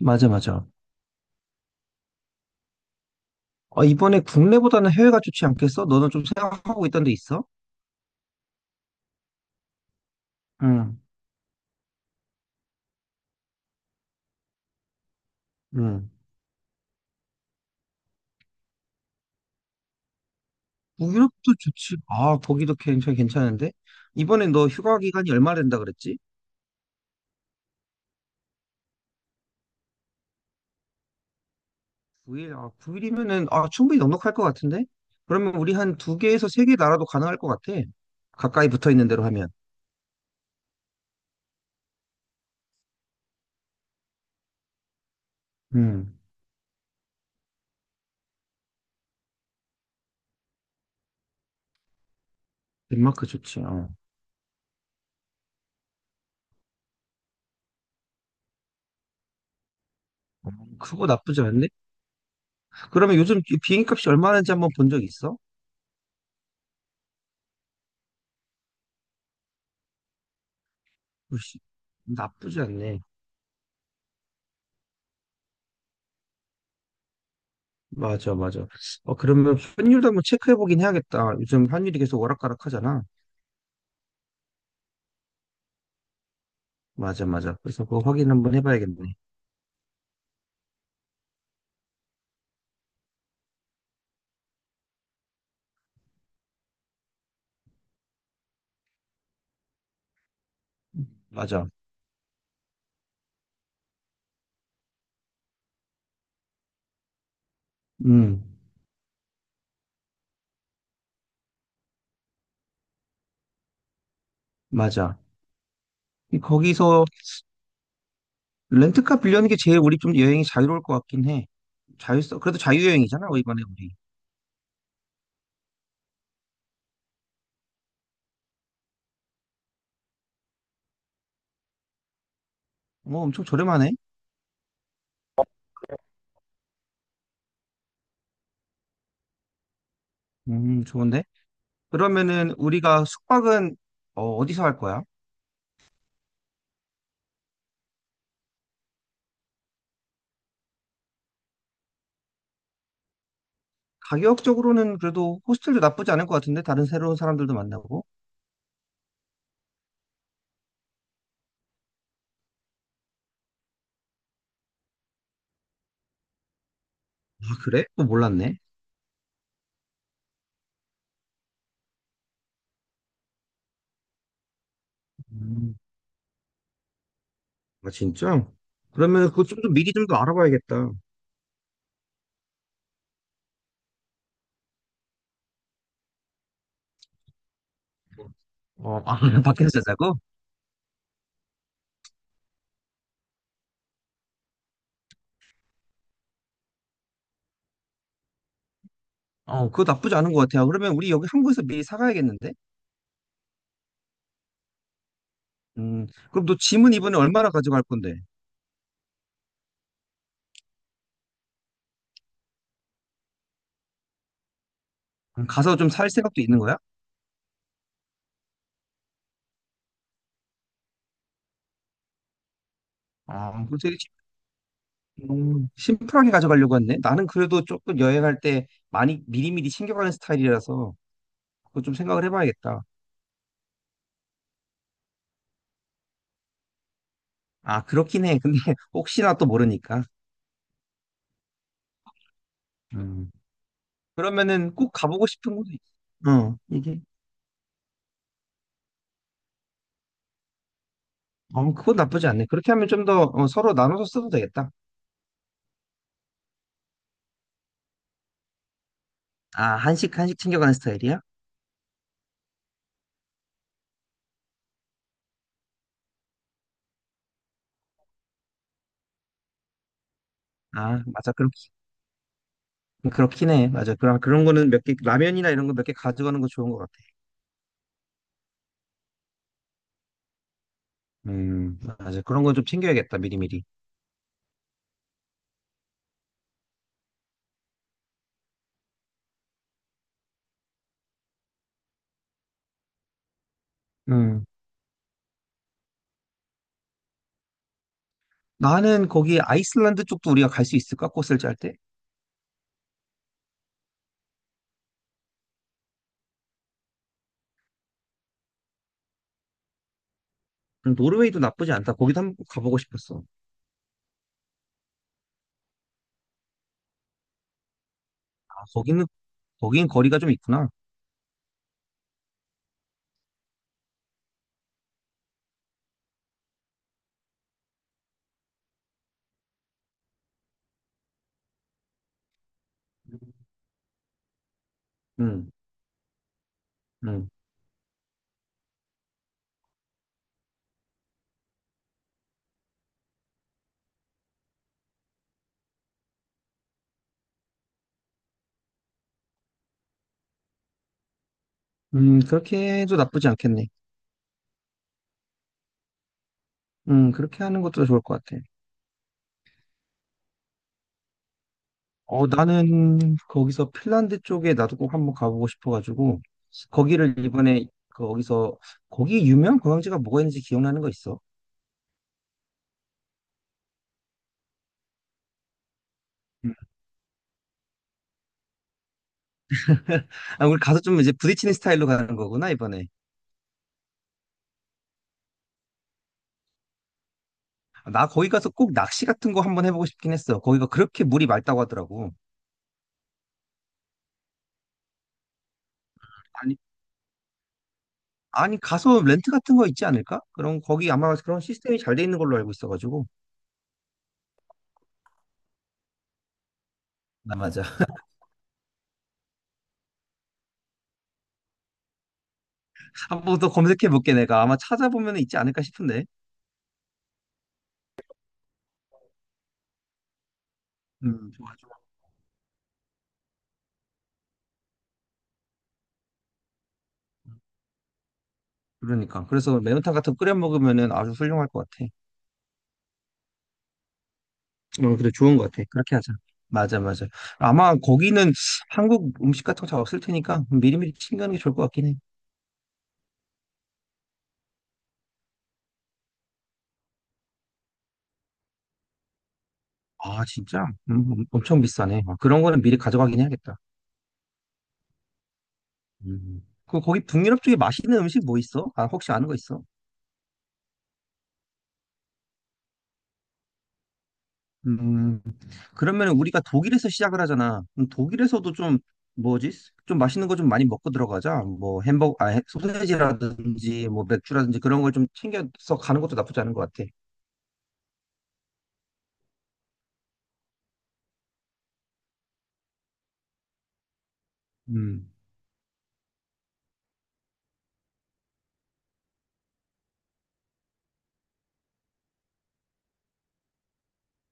맞아, 맞아. 어, 이번에 국내보다는 해외가 좋지 않겠어? 너는 좀 생각하고 있던 데 있어? 응, 응. 뭐 유럽도 좋지. 아, 거기도 굉장히 괜찮은데? 이번에 너 휴가 기간이 얼마 된다 그랬지? 9일, 아, 9일이면은, 아, 충분히 넉넉할 것 같은데? 그러면 우리 한 두 개에서 세 개 나라도 가능할 것 같아. 가까이 붙어 있는 대로 하면. 음. 덴마크 좋지. 어. 그거 나쁘지 않네. 그러면 요즘 비행기 값이 얼마나 하는지 한번 본 적 있어? 글씨. 나쁘지 않네. 맞아, 맞아. 어, 그러면 환율도 한번 체크해 보긴 해야겠다. 요즘 환율이 계속 오락가락 하잖아. 맞아, 맞아. 그래서 그거 확인 한번 해봐야겠네. 맞아. 음, 맞아. 이- 거기서 렌트카 빌려는 게 제일 우리 좀 여행이 자유로울 것 같긴 해. 자유성, 그래도 자유여행이잖아, 어, 이번에 우리. 뭐 엄청 저렴하네. 좋은데? 그러면은 우리가 숙박은 어, 어디서 할 거야? 가격적으로는 그래도 호스텔도 나쁘지 않을 것 같은데? 다른 새로운 사람들도 만나고. 아, 그래? 또 몰랐네. 음. 아, 진짜? 그러면 그거 좀 더 미리 좀 더 알아봐야겠다. 어, 아, 밖에서 자자고? 어, 그거 나쁘지 않은 것 같아요. 그러면 우리 여기 한국에서 미리 사가야겠는데? 그럼 너 짐은 이번에 얼마나 가져갈 건데? 가서 좀 살 생각도 있는 거야? 그뭐 되게 심플하게 가져가려고 했네. 나는 그래도 조금 여행할 때 많이 미리미리 챙겨가는 스타일이라서 그거 좀 생각을 해봐야겠다. 아, 그렇긴 해. 근데 혹시나 또 모르니까. 음. 그러면은 꼭 가보고 싶은 곳이, 있어 어, 이게. 어, 그건 나쁘지 않네. 그렇게 하면 좀더 어, 서로 나눠서 써도 되겠다. 아, 한식, 한식 챙겨가는 스타일이야? 아, 맞아. 그렇긴 해. 맞아. 그럼 그런 거는 몇 개, 라면이나 이런 거 몇 개 가져가는 거 좋은 것 같아. 맞아. 그런 거 좀 챙겨야겠다, 미리미리. 음. 나는 거기 아이슬란드 쪽도 우리가 갈 수 있을까? 꽃을 짤 때? 노르웨이도 나쁘지 않다. 거기도 한번 가보고 싶었어. 아, 거기는, 거긴 거리가 좀 있구나. 음, 음. 그렇게 해도 나쁘지 않겠네. 그렇게 하는 것도 좋을 것 같아. 어, 나는 거기서 핀란드 쪽에 나도 꼭 한번 가보고 싶어가지고, 거기를 이번에 그 거기서, 거기 유명한 관광지가 뭐가 있는지 기억나는 거 있어? 음. 아, 우리 가서 좀 이제 부딪히는 스타일로 가는 거구나, 이번에. 아, 나 거기 가서 꼭 낚시 같은 거 한번 해보고 싶긴 했어. 거기가 그렇게 물이 맑다고 하더라고. 아니, 아니, 가서 렌트 같은 거 있지 않을까? 그럼 거기 아마 그런 시스템이 잘 돼 있는 걸로 알고 있어가지고. 아, 맞아. 한번 더 검색해볼게, 내가. 아마 찾아보면 있지 않을까 싶은데. 음. 그러니까. 그래서 매운탕 같은 거 끓여 먹으면은 아주 훌륭할 것 같아. 어, 그래, 좋은 것 같아. 그렇게 하자. 맞아, 맞아. 아마 거기는 한국 음식 같은 거 잘 없을 테니까 미리미리 챙겨가는 게 좋을 것 같긴 해. 아, 진짜? 엄청 비싸네. 아, 그런 거는 미리 가져가긴 해야겠다. 음. 그 거기 북유럽 쪽에 맛있는 음식 뭐 있어? 아, 혹시 아는 거 있어? 음. 그러면 우리가 독일에서 시작을 하잖아. 그럼 독일에서도 좀 뭐지? 좀 맛있는 거 좀 많이 먹고 들어가자. 뭐 햄버거, 아, 소세지라든지 뭐 맥주라든지 그런 걸 좀 챙겨서 가는 것도 나쁘지 않은 것 같아. 음,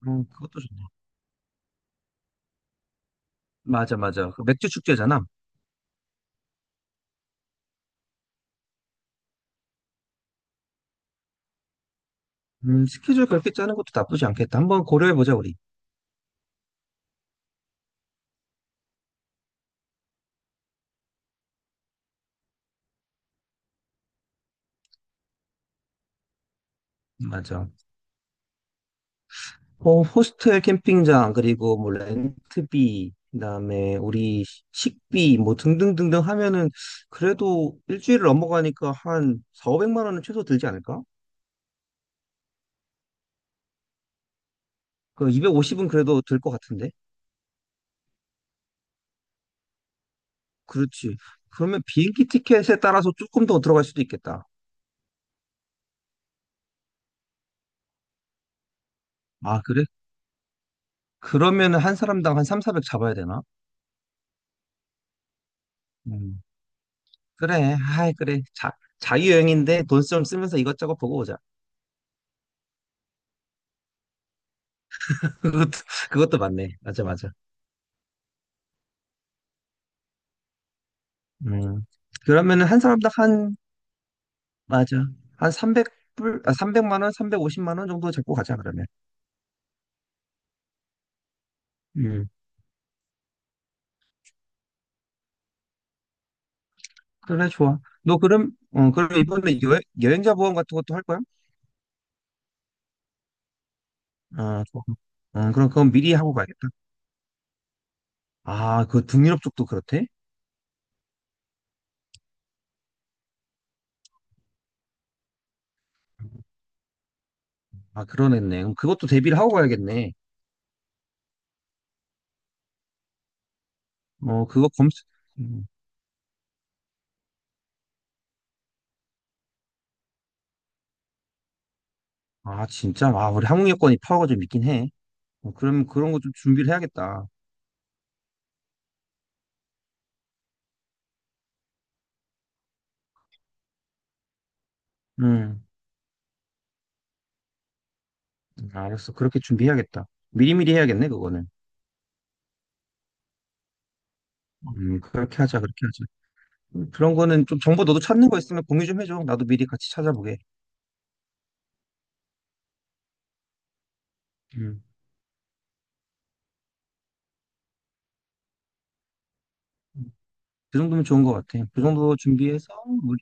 그것도 좋네. 맞아, 맞아. 그 맥주 축제잖아. 스케줄 그렇게 짜는 것도 나쁘지 않겠다. 한번 고려해 보자, 우리. 맞아. 어, 호스텔 캠핑장, 그리고 뭐 렌트비, 그다음에 우리 식비, 뭐 등등등등 하면은 그래도 일주일을 넘어가니까 한 4, 오0 0만 원은 최소 들지 않을까? 그 250은 그래도 들 것 같은데? 그렇지. 그러면 비행기 티켓에 따라서 조금 더 들어갈 수도 있겠다. 아, 그래? 그러면은 한 사람당 한 3, 400 잡아야 되나? 음. 그래, 아이, 그래. 자, 자유여행인데 돈 좀 쓰면서 이것저것 보고 오자. 그것도, 그것도 맞네. 맞아, 맞아. 음. 그러면은 한 사람당 한 맞아. 한 300불, 아, 300만 원, 350만 원 정도 잡고 가자, 그러면. 음. 그래, 좋아. 너 그럼, 어, 그럼 이번에 여행자 보험 같은 것도 할 거야? 아, 좋아. 어, 그럼 그건 미리 하고 가야겠다. 아, 그 등유럽 쪽도 그렇대? 아, 그러겠네. 그럼 그것도 대비를 하고 가야겠네. 어, 그거 검수, 음. 아, 진짜? 아, 우리 항공 여권이 파워가 좀 있긴 해. 어, 그럼 그런 거 좀 준비를 해야겠다. 음, 알았어. 그렇게 준비해야겠다. 미리미리 해야겠네, 그거는. 그렇게 하자, 그렇게 하자. 그런 거는 좀 정보 너도 찾는 거 있으면 공유 좀 해줘. 나도 미리 같이 찾아보게. 음. 그 정도면 좋은 것 같아. 그 정도 준비해서 우리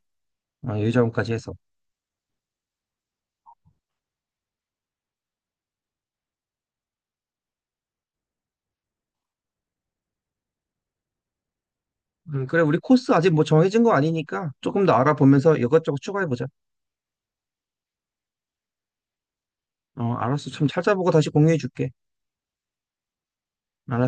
아, 여유자원까지 해서. 그래 우리 코스 아직 뭐 정해진 거 아니니까 조금 더 알아보면서 이것저것 추가해보자. 어, 알았어. 좀 찾아보고 다시 공유해줄게. 알았어.